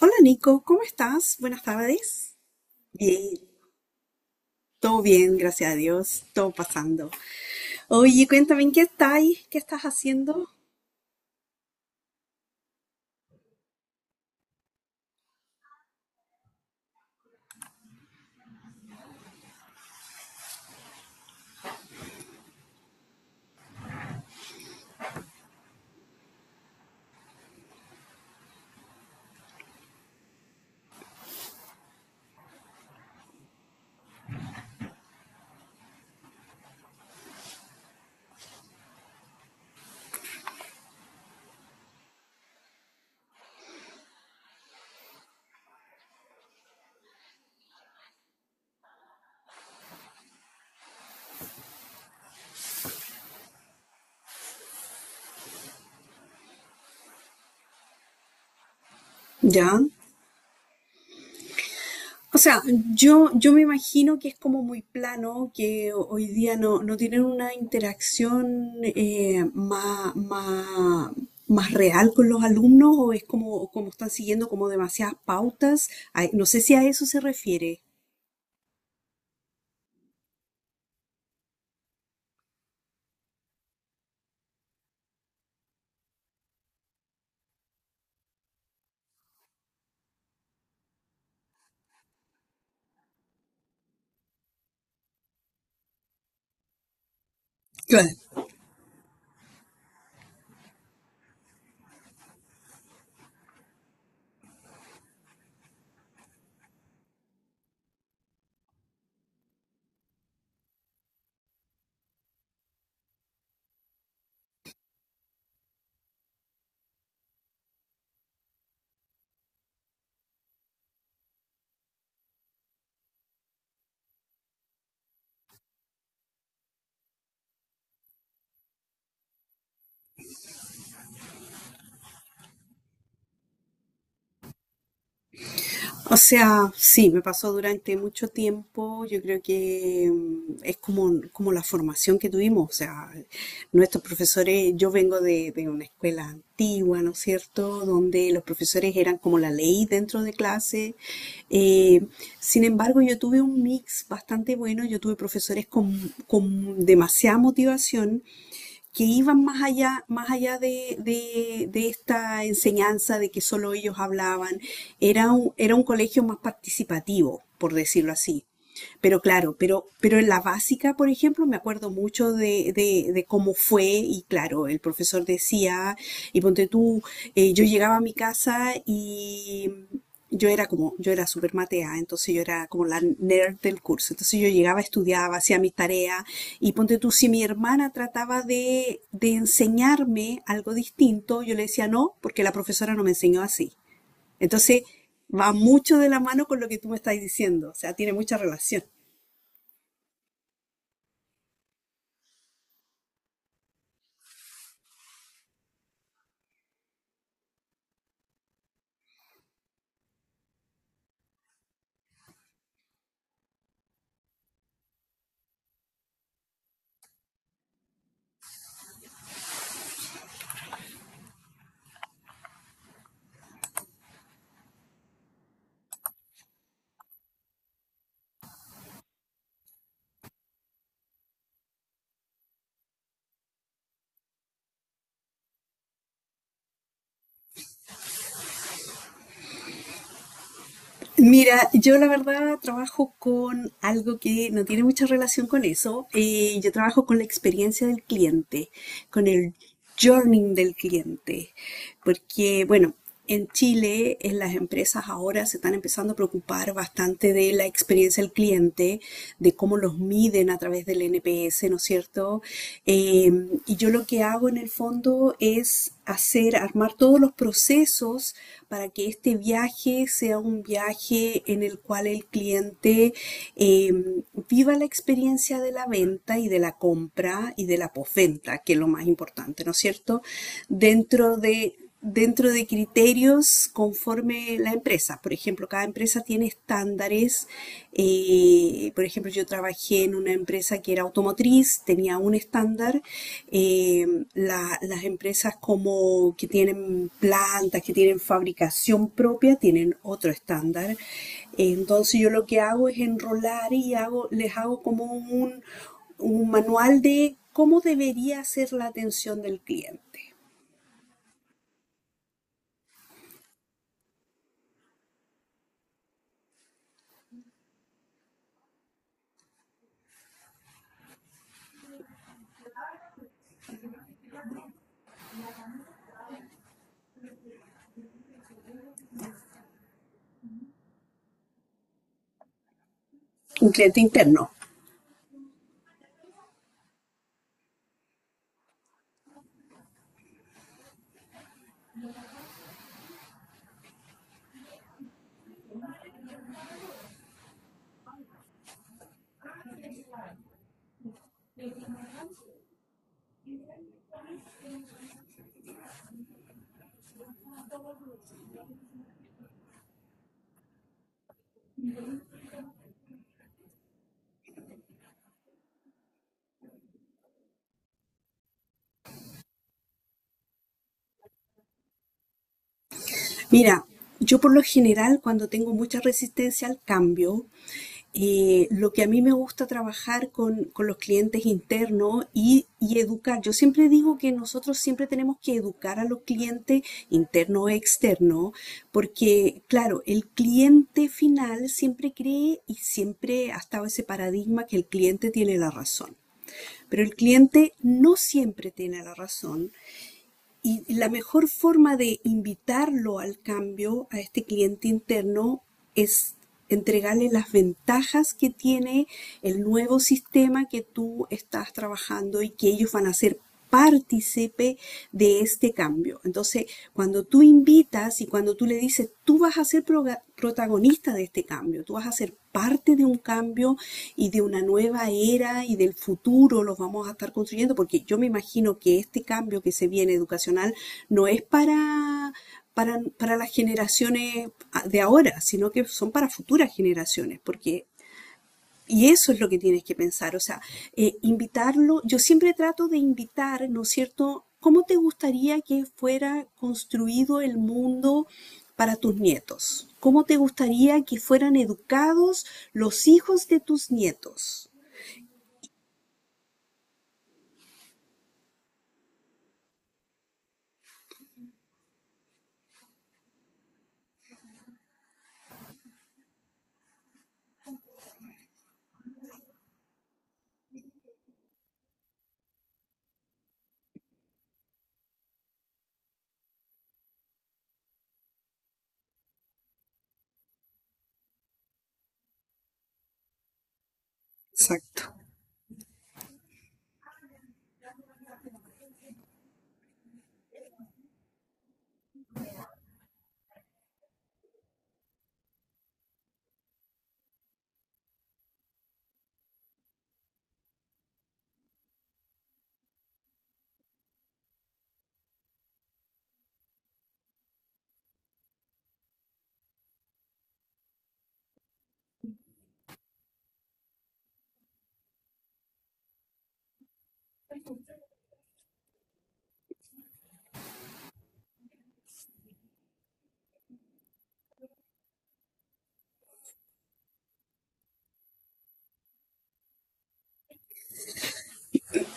Hola Nico, ¿cómo estás? Buenas tardes. Bien, todo bien, gracias a Dios, todo pasando. Oye, cuéntame, ¿en qué estáis? ¿Qué estás haciendo? Ya. O sea, yo me imagino que es como muy plano, que hoy día no, no tienen una interacción más real con los alumnos o es como, están siguiendo como demasiadas pautas. Ay, no sé si a eso se refiere. O sea, sí, me pasó durante mucho tiempo. Yo creo que es como la formación que tuvimos. O sea, nuestros profesores, yo vengo de una escuela antigua, ¿no es cierto? Donde los profesores eran como la ley dentro de clase. Eh, sin embargo, yo tuve un mix bastante bueno. Yo tuve profesores con demasiada motivación que iban más allá de esta enseñanza de que solo ellos hablaban. Era un colegio más participativo, por decirlo así. Pero claro, pero en la básica, por ejemplo, me acuerdo mucho de cómo fue y claro, el profesor decía, y ponte tú, yo llegaba a mi casa y yo era súper matea, entonces yo era como la nerd del curso. Entonces yo llegaba, estudiaba, hacía mis tareas y ponte tú, si mi hermana trataba de enseñarme algo distinto, yo le decía no, porque la profesora no me enseñó así. Entonces va mucho de la mano con lo que tú me estás diciendo, o sea, tiene mucha relación. Mira, yo la verdad trabajo con algo que no tiene mucha relación con eso. Yo trabajo con la experiencia del cliente, con el journey del cliente, porque, bueno, en Chile, en las empresas ahora se están empezando a preocupar bastante de la experiencia del cliente, de cómo los miden a través del NPS, ¿no es cierto? Eh, y yo lo que hago en el fondo es hacer, armar todos los procesos para que este viaje sea un viaje en el cual el cliente eh, viva la experiencia de la venta y de la compra y de la postventa que es lo más importante, ¿no es cierto? Dentro de criterios conforme la empresa. Por ejemplo, cada empresa tiene estándares. Por ejemplo, yo trabajé en una empresa que era automotriz, tenía un estándar. eh, las empresas como que tienen plantas, que tienen fabricación propia, tienen otro estándar. Entonces yo lo que hago es enrolar y les hago como un manual de cómo debería ser la atención del cliente, un cliente interno. Mira, yo por lo general cuando tengo mucha resistencia al cambio, lo que a mí me gusta trabajar con los clientes internos y educar. Yo siempre digo que nosotros siempre tenemos que educar a los clientes internos e externos, porque claro, el cliente final siempre cree y siempre ha estado ese paradigma que el cliente tiene la razón. Pero el cliente no siempre tiene la razón y la mejor forma de invitarlo al cambio, a este cliente interno, es entregarle las ventajas que tiene el nuevo sistema que tú estás trabajando y que ellos van a ser partícipe de este cambio. Entonces, cuando tú invitas y cuando tú le dices, tú vas a ser protagonista de este cambio, tú vas a ser parte de un cambio y de una nueva era y del futuro los vamos a estar construyendo, porque yo me imagino que este cambio que se viene educacional no es para, las generaciones de ahora, sino que son para futuras generaciones. Porque y eso es lo que tienes que pensar, o sea, invitarlo, yo siempre trato de invitar, ¿no es cierto? ¿Cómo te gustaría que fuera construido el mundo para tus nietos? ¿Cómo te gustaría que fueran educados los hijos de tus nietos? Exacto.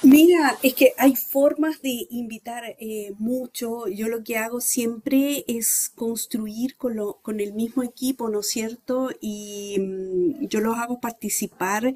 Mira, es que hay formas de invitar mucho. Yo lo que hago siempre es construir con el mismo equipo, ¿no es cierto? Y yo los hago participar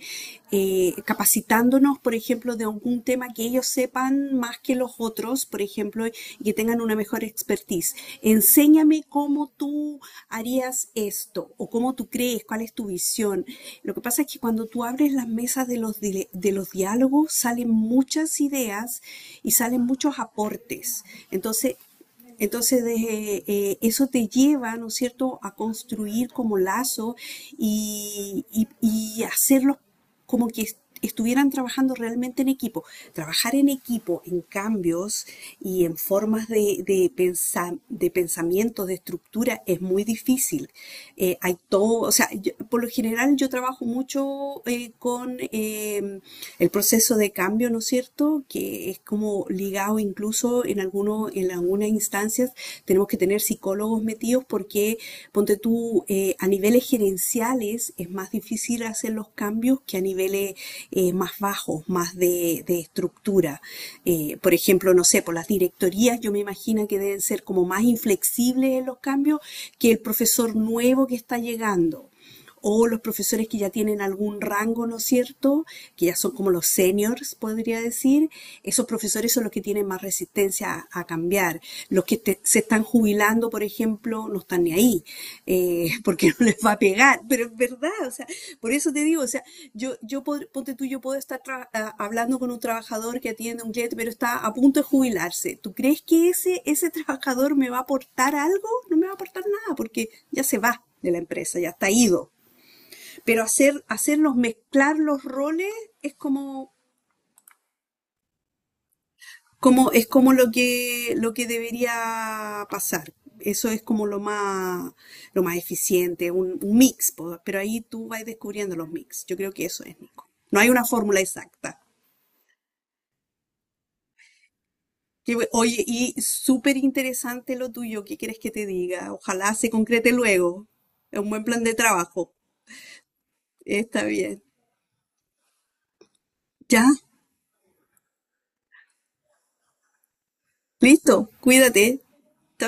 capacitándonos, por ejemplo, de algún tema que ellos sepan más que los otros, por ejemplo, y que tengan una mejor expertise. Enséñame cómo tú harías esto o cómo tú crees, cuál es tu visión. Lo que pasa es que cuando tú abres las mesas de los diálogos salen muchas ideas y salen muchos aportes. Entonces, entonces, eso te lleva, ¿no es cierto?, a construir como lazo y hacerlos como que estuvieran trabajando realmente en equipo. Trabajar en equipo, en cambios y en formas de pensamiento, de estructura, es muy difícil. Hay todo, o sea, por lo general yo trabajo mucho con el proceso de cambio, ¿no es cierto? Que es como ligado incluso en en algunas instancias tenemos que tener psicólogos metidos porque, ponte tú, a niveles gerenciales es más difícil hacer los cambios que a niveles más bajos, más de estructura. Por ejemplo, no sé, por las directorías yo me imagino que deben ser como más inflexibles en los cambios que el profesor nuevo que está llegando o los profesores que ya tienen algún rango, ¿no es cierto? Que ya son como los seniors, podría decir. Esos profesores son los que tienen más resistencia a cambiar. Los que se están jubilando, por ejemplo, no están ni ahí, porque no les va a pegar. Pero es verdad, o sea, por eso te digo, o sea, ponte tú, yo puedo estar hablando con un trabajador que atiende un cliente, pero está a punto de jubilarse. ¿Tú crees que ese trabajador me va a aportar algo? No me va a aportar nada, porque ya se va de la empresa, ya está ido pero hacernos mezclar los roles es es como lo que debería pasar. Eso es como lo más eficiente, un mix, pero ahí tú vas descubriendo los mix. Yo creo que eso es, Nico. No hay una fórmula exacta. Oye, y súper interesante lo tuyo, ¿qué quieres que te diga? Ojalá se concrete luego. Es un buen plan de trabajo. Está bien. Ya, listo, cuídate.